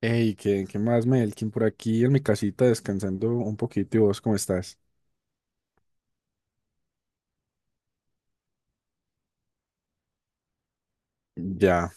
Hey, ¿qué más, Melkin? Por aquí en mi casita descansando un poquito. ¿Y vos cómo estás? Ya.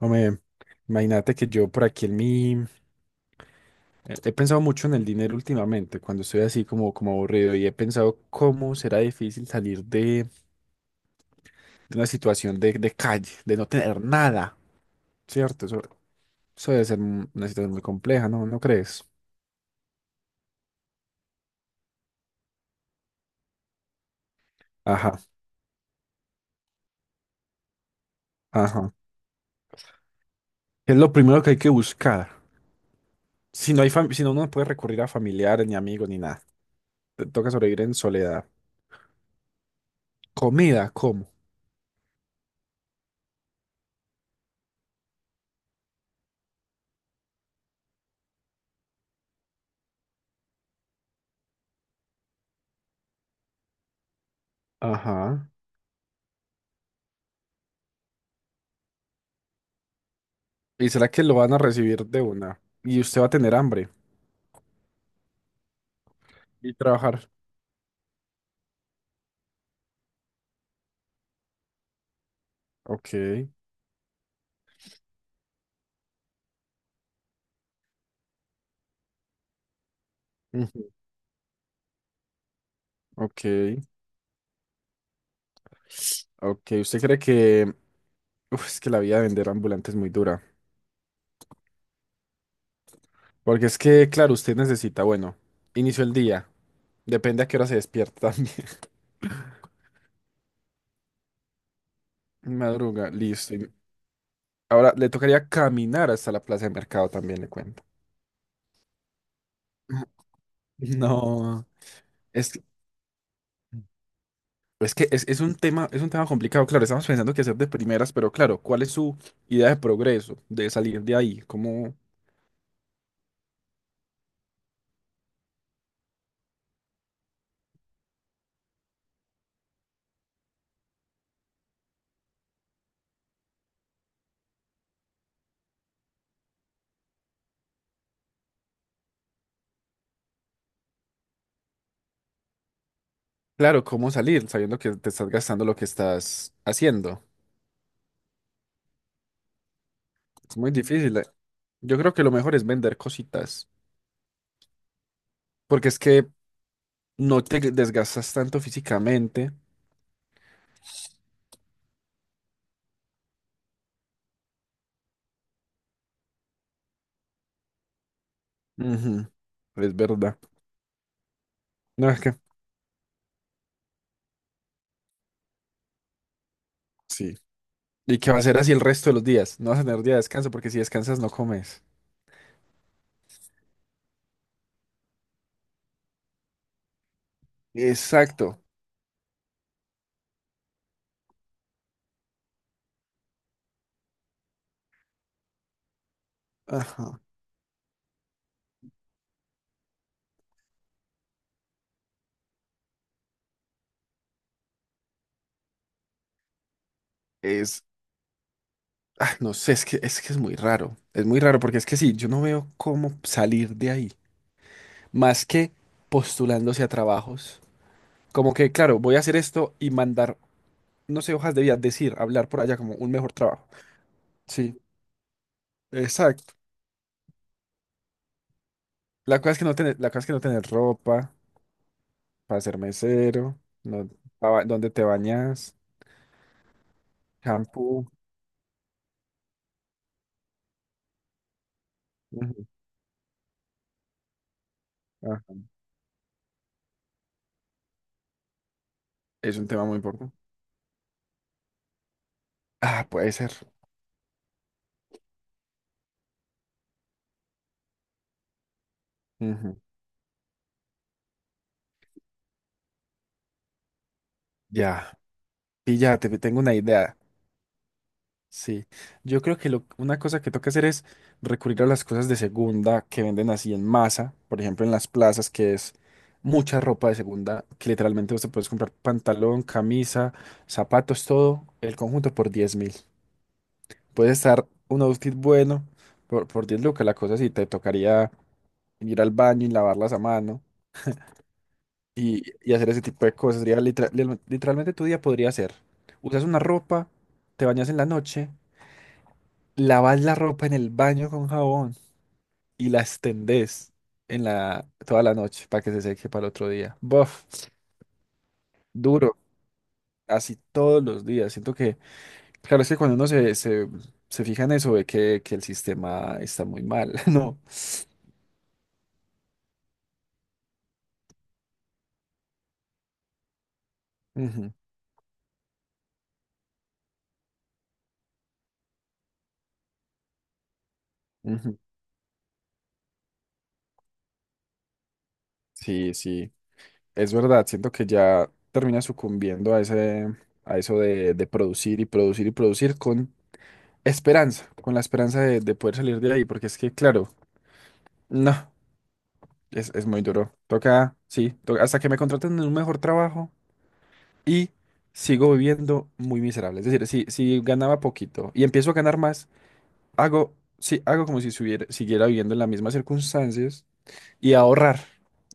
Hombre, imagínate que yo por aquí en mi... He pensado mucho en el dinero últimamente, cuando estoy así como aburrido, y he pensado cómo será difícil salir de una situación de calle, de no tener nada, ¿cierto? Eso debe ser una situación muy compleja, ¿no? ¿No crees? Ajá, ajá. Es lo primero que hay que buscar. Si no, uno no puede recurrir a familiares, ni amigos, ni nada. Te toca sobrevivir en soledad. Comida, ¿cómo? Ajá. ¿Y será que lo van a recibir de una? Y usted va a tener hambre y trabajar. Ok. Ujú. Ok. Ok. ¿Usted cree que... Uf, es que la vida de vender ambulante es muy dura. Porque es que, claro, usted necesita, bueno, inicio el día. Depende a qué hora se despierta también. Madruga, listo. Y ahora le tocaría caminar hasta la plaza de mercado también, le cuento. No, es, es que es un tema complicado, claro, estamos pensando que hacer de primeras, pero claro, ¿cuál es su idea de progreso, de salir de ahí? ¿Cómo, claro, cómo salir sabiendo que te estás gastando lo que estás haciendo? Es muy difícil. Yo creo que lo mejor es vender cositas, porque es que no te desgastas tanto físicamente. Ujú. Es verdad. No, es que sí. ¿Y qué va a ser así el resto de los días? No vas a tener día de descanso porque si descansas no comes. Exacto. Ajá. Ah, no sé, es que es muy raro. Es muy raro porque es que sí, yo no veo cómo salir de ahí. Más que postulándose a trabajos. Como que, claro, voy a hacer esto y mandar, no sé, hojas de vida, decir, hablar por allá como un mejor trabajo. Sí, exacto. La cosa es que no tener, la cosa es que no tener ropa para ser mesero, no, dónde te bañas, shampoo. Ujú, ajá. Es un tema muy importante. Ah, puede ser. Ujú. Ya, pilla, te tengo una idea. Sí, yo creo que una cosa que toca hacer es recurrir a las cosas de segunda que venden así en masa, por ejemplo en las plazas, que es mucha ropa de segunda, que literalmente vos te puedes comprar pantalón, camisa, zapatos, todo, el conjunto por 10.000. Puede estar un outfit bueno por 10 lucas, la cosa sí te tocaría ir al baño y lavarlas a mano y hacer ese tipo de cosas. Sería literalmente tu día podría ser, usas una ropa, te bañas en la noche. Lavas la ropa en el baño con jabón y la extendés en toda la noche para que se seque para el otro día. Buf, duro, así todos los días. Siento que, claro, es que cuando uno se fija en eso, ve que el sistema está muy mal, ¿no? Ujú, ujú. Sí, sí, es verdad. Siento que ya termina sucumbiendo a ese, a eso de producir y producir y producir con esperanza, con la esperanza de poder salir de ahí, porque es que, claro, no. Es muy duro. Toca, sí, hasta que me contraten en un mejor trabajo y sigo viviendo muy miserable. Es decir, si ganaba poquito y empiezo a ganar más, hago, sí, hago como si siguiera viviendo en las mismas circunstancias y ahorrar.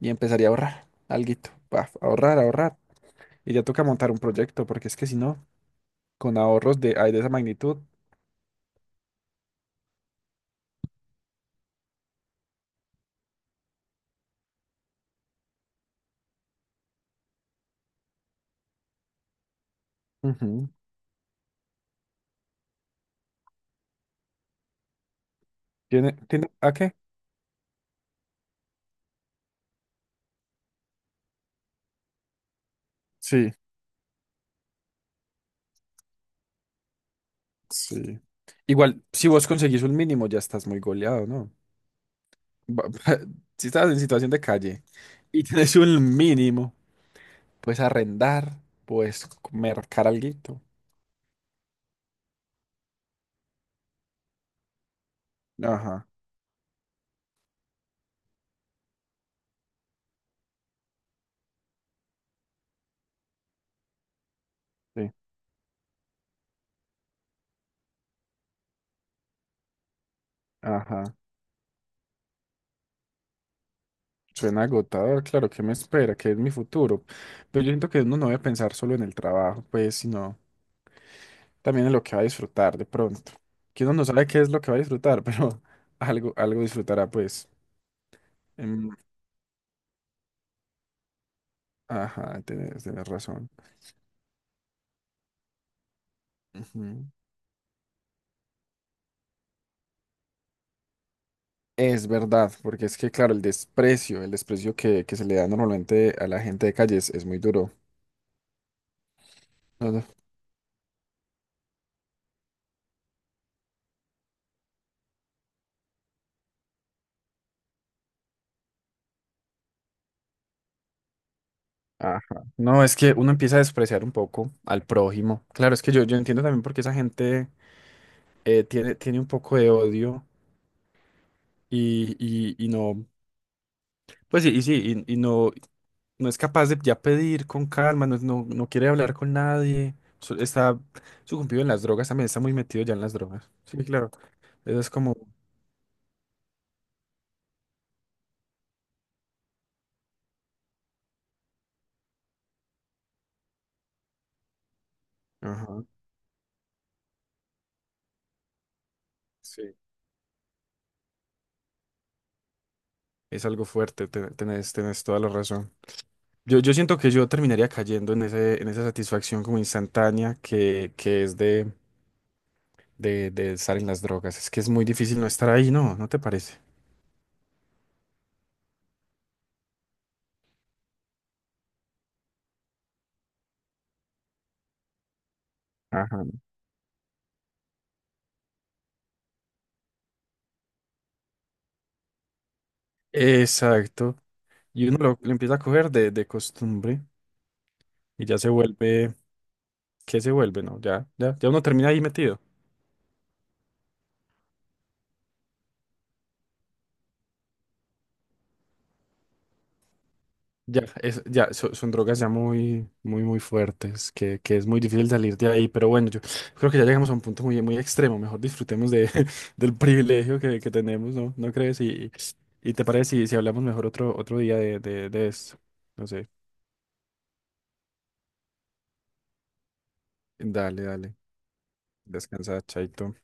Y empezaría a ahorrar alguito. Paf, ahorrar, ahorrar. Y ya toca montar un proyecto, porque es que si no, con ahorros de, ay, de esa magnitud, ujú. ¿A qué? Sí, sí. Igual, si vos conseguís un mínimo, ya estás muy goleado, ¿no? ba- si estás en situación de calle y tienes un mínimo, puedes arrendar, puedes mercar alguito. Ajá, sí, ajá. Suena agotador, claro, ¿qué me espera? ¿Qué es mi futuro? Pero yo siento que uno no debe pensar solo en el trabajo, pues, sino también en lo que va a disfrutar de pronto. Que uno no sabe qué es lo que va a disfrutar, pero algo, algo disfrutará, pues. Em, Ajá, tienes razón. Ujú. Es verdad, porque es que, claro, el desprecio que se le da normalmente a la gente de calles es muy duro. No, no. Ajá. No, es que uno empieza a despreciar un poco al prójimo. Claro, es que yo entiendo también por qué esa gente tiene un poco de odio y no, pues sí, y sí, y no, no es capaz de ya pedir con calma, no, no, no quiere hablar con nadie. Está sucumbido en las drogas, también está muy metido ya en las drogas. Sí, claro. Eso es como... Ajá. Sí. Es algo fuerte, tenés toda la razón. Yo siento que yo terminaría cayendo en ese, en esa satisfacción como instantánea que es de estar en las drogas. Es que es muy difícil no estar ahí, ¿no? ¿No te parece? Ajá. Exacto. Y uno lo empieza a coger de costumbre y ya se vuelve, ¿qué se vuelve? No, ya uno termina ahí metido. Ya, son drogas ya muy, muy, muy fuertes, que es muy difícil salir de ahí, pero bueno, yo creo que ya llegamos a un punto muy, muy extremo, mejor disfrutemos de, del privilegio que tenemos, ¿no? ¿No crees? Y te parece si hablamos mejor otro día de esto, no sé, dale, dale, descansa, chaito.